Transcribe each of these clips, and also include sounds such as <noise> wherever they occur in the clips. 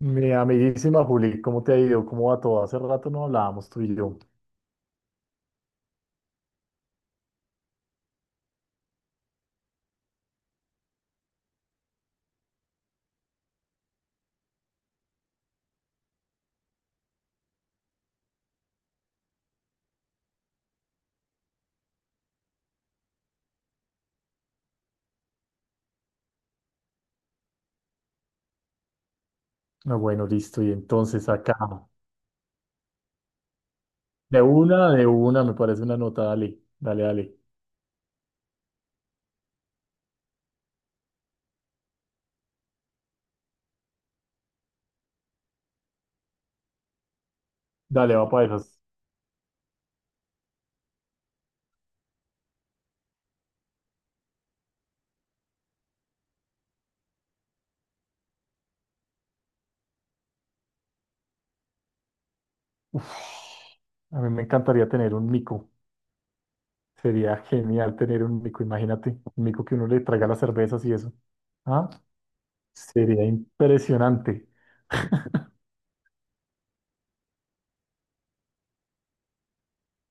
Mi amiguísima Juli, ¿cómo te ha ido? ¿Cómo va todo? Hace rato no hablábamos tú y yo. Ah, bueno, listo. Y entonces acá, de una, me parece una nota. Dale, dale, dale. Dale, va para esas. A mí me encantaría tener un mico. Sería genial tener un mico, imagínate. Un mico que uno le traiga las cervezas y eso. ¿Ah? Sería impresionante.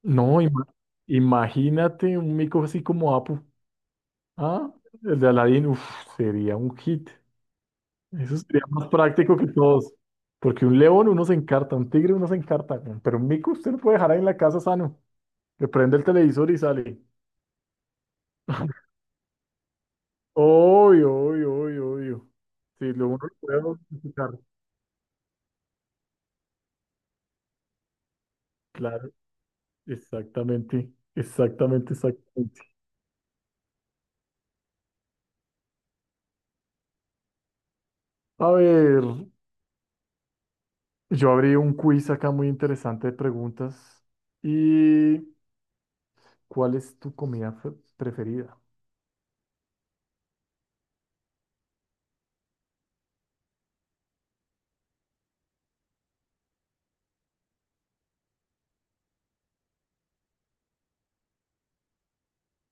No, imagínate un mico así como Apu. ¿Ah? El de Aladdin, uf, sería un hit. Eso sería más práctico que todos. Porque un león uno se encarta, un tigre uno se encarta, weón, pero un mico usted lo puede dejar ahí en la casa sano. Le prende el televisor y sale. <laughs> Obvio, obvio, obvio, obvio. Sí, lo uno lo puede domesticar. Claro, exactamente, exactamente, exactamente. A ver, yo abrí un quiz acá muy interesante de preguntas. ¿Y cuál es tu comida preferida?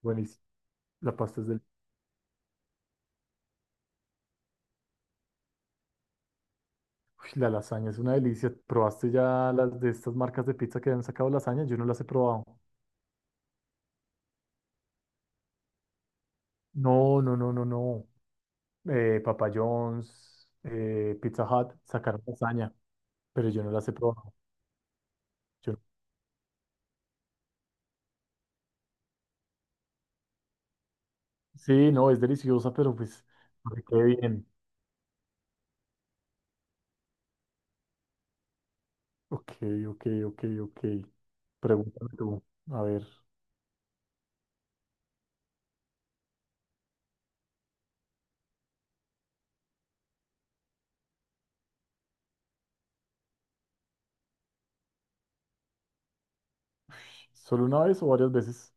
Buenísimo. La pasta es del... La lasaña es una delicia. ¿Probaste ya las de estas marcas de pizza que han sacado lasaña? Yo no las he probado. No, no, no, no, no. Papa John's, Pizza Hut sacaron lasaña, pero yo no las he probado. No, sí, no, es deliciosa, pero pues para que quede bien. Ok, ok, ok, ok. Pregúntame tú. A ver, ¿solo una vez o varias veces?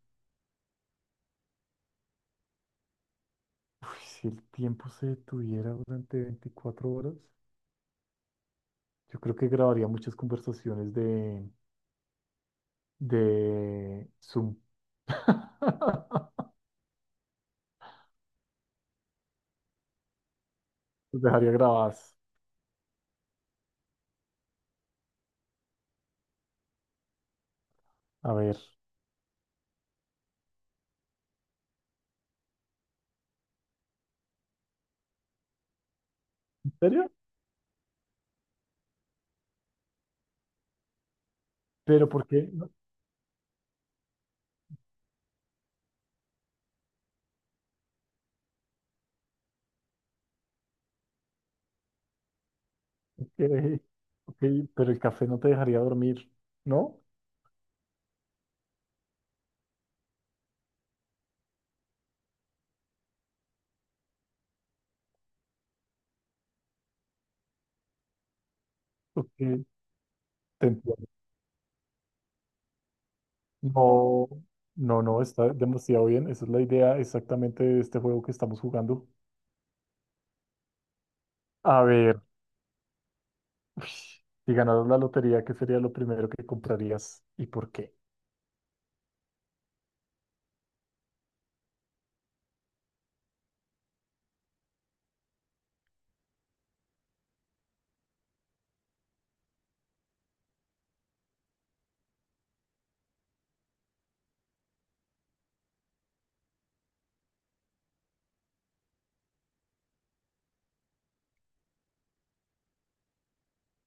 Uy, si el tiempo se detuviera durante 24 horas, yo creo que grabaría muchas conversaciones de, Zoom. <laughs> Los dejaría grabadas. A ver. ¿En serio? ¿Pero por qué? No, ok, ok, pero el café no te dejaría dormir, ¿no? Ok, te entiendo. No, no, no, está demasiado bien. Esa es la idea exactamente de este juego que estamos jugando. A ver, uy, si ganaras la lotería, ¿qué sería lo primero que comprarías y por qué?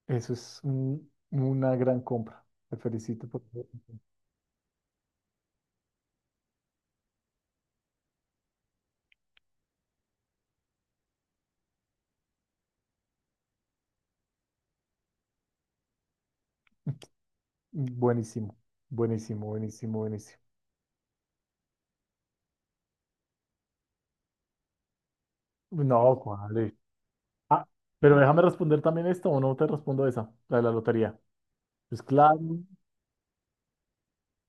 Eso es un- una gran compra. Te felicito por... Buenísimo, buenísimo, buenísimo, buenísimo. No, ¿cuál? Ah, pero déjame responder también esto o no te respondo esa, la de la lotería. Pues claro,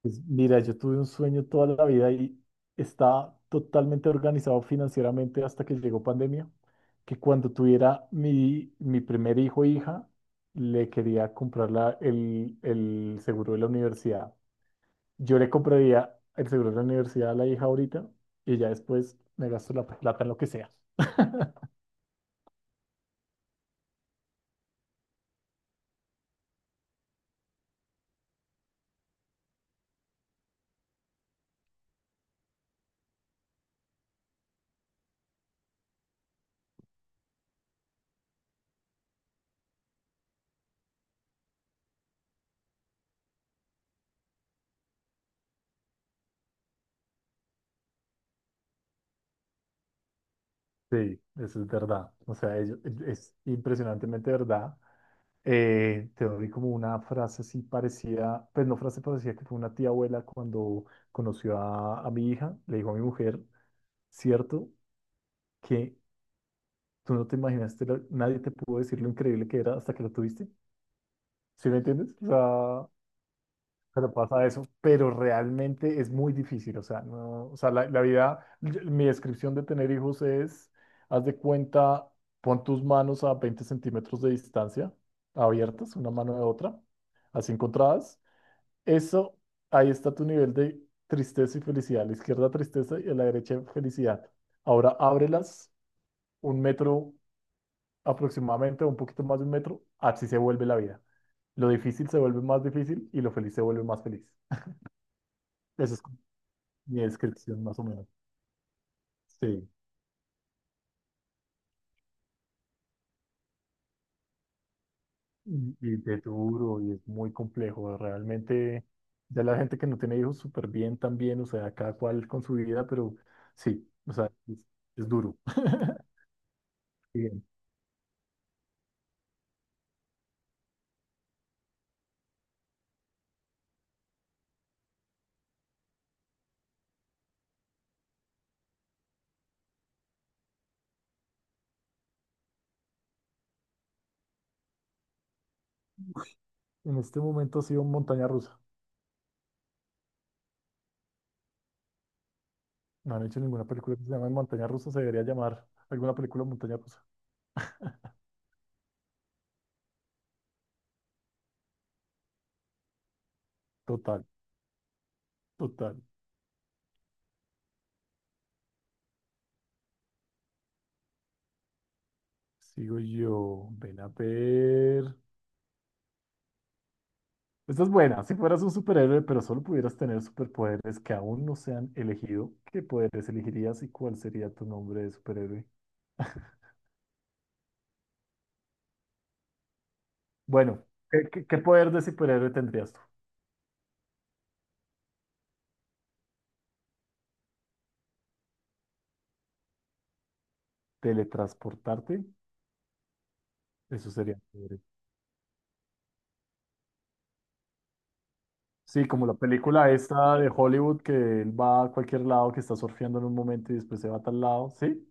pues mira, yo tuve un sueño toda la vida y estaba totalmente organizado financieramente hasta que llegó pandemia, que cuando tuviera mi primer hijo o hija, le quería comprar el seguro de la universidad. Yo le compraría el seguro de la universidad a la hija ahorita y ya después me gasto la plata en lo que sea. Sí, eso es verdad. O sea, es impresionantemente verdad. Te doy como una frase así parecida, pues no frase parecida, que fue una tía abuela cuando conoció a, mi hija, le dijo a mi mujer, cierto, que tú no te imaginaste, nadie te pudo decir lo increíble que era hasta que lo tuviste. ¿Sí me entiendes? O sea, pero pasa eso, pero realmente es muy difícil, o sea, no, o sea, la vida, mi descripción de tener hijos es, haz de cuenta, pon tus manos a 20 centímetros de distancia, abiertas, una mano de otra, así encontradas, eso, ahí está tu nivel de tristeza y felicidad, a la izquierda tristeza y a la derecha felicidad. Ahora ábrelas un metro aproximadamente, un poquito más de un metro, así se vuelve la vida. Lo difícil se vuelve más difícil y lo feliz se vuelve más feliz. Eso es mi descripción más o menos. Sí, y es duro y es muy complejo. Realmente, ya la gente que no tiene hijos súper bien también, o sea, cada cual con su vida, pero sí, o sea, es duro. <laughs> Bien. En este momento ha sido Montaña Rusa. No han hecho ninguna película que se llame Montaña Rusa, se debería llamar alguna película Montaña Rusa. Total, total. Sigo yo, ven a ver. Esta es buena. Si fueras un superhéroe, pero solo pudieras tener superpoderes que aún no se han elegido, ¿qué poderes elegirías y cuál sería tu nombre de superhéroe? <laughs> Bueno, ¿qué, qué- qué poder de superhéroe tendrías tú? ¿Teletransportarte? Eso sería chévere. Sí, como la película esta de Hollywood que él va a cualquier lado, que está surfeando en un momento y después se va a tal lado. ¿Sí?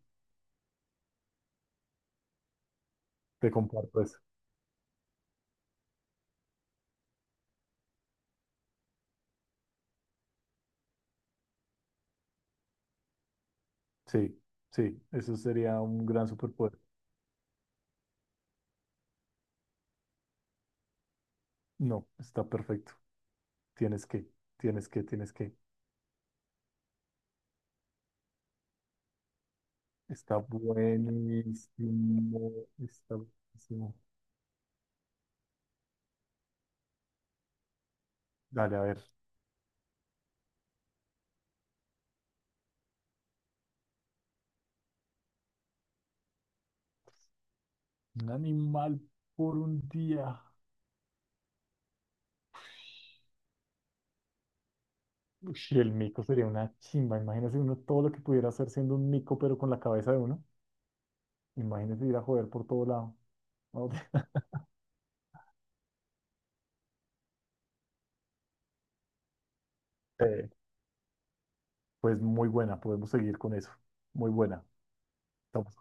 Te comparto eso. Sí, sí, eso sería un gran superpoder. No, está perfecto. Tienes que, tienes que, tienes que. Está buenísimo. Está buenísimo. Dale, a ver. Un animal por un día. Ush, y el mico sería una chimba. Imagínese uno todo lo que pudiera hacer siendo un mico, pero con la cabeza de uno. Imagínese ir a joder por todo lado. ¿No? <laughs> Eh, pues muy buena. Podemos seguir con eso. Muy buena. Estamos.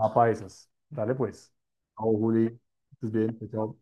Va para esas. Dale, pues. Chao, Juli. Estás bien. Chao.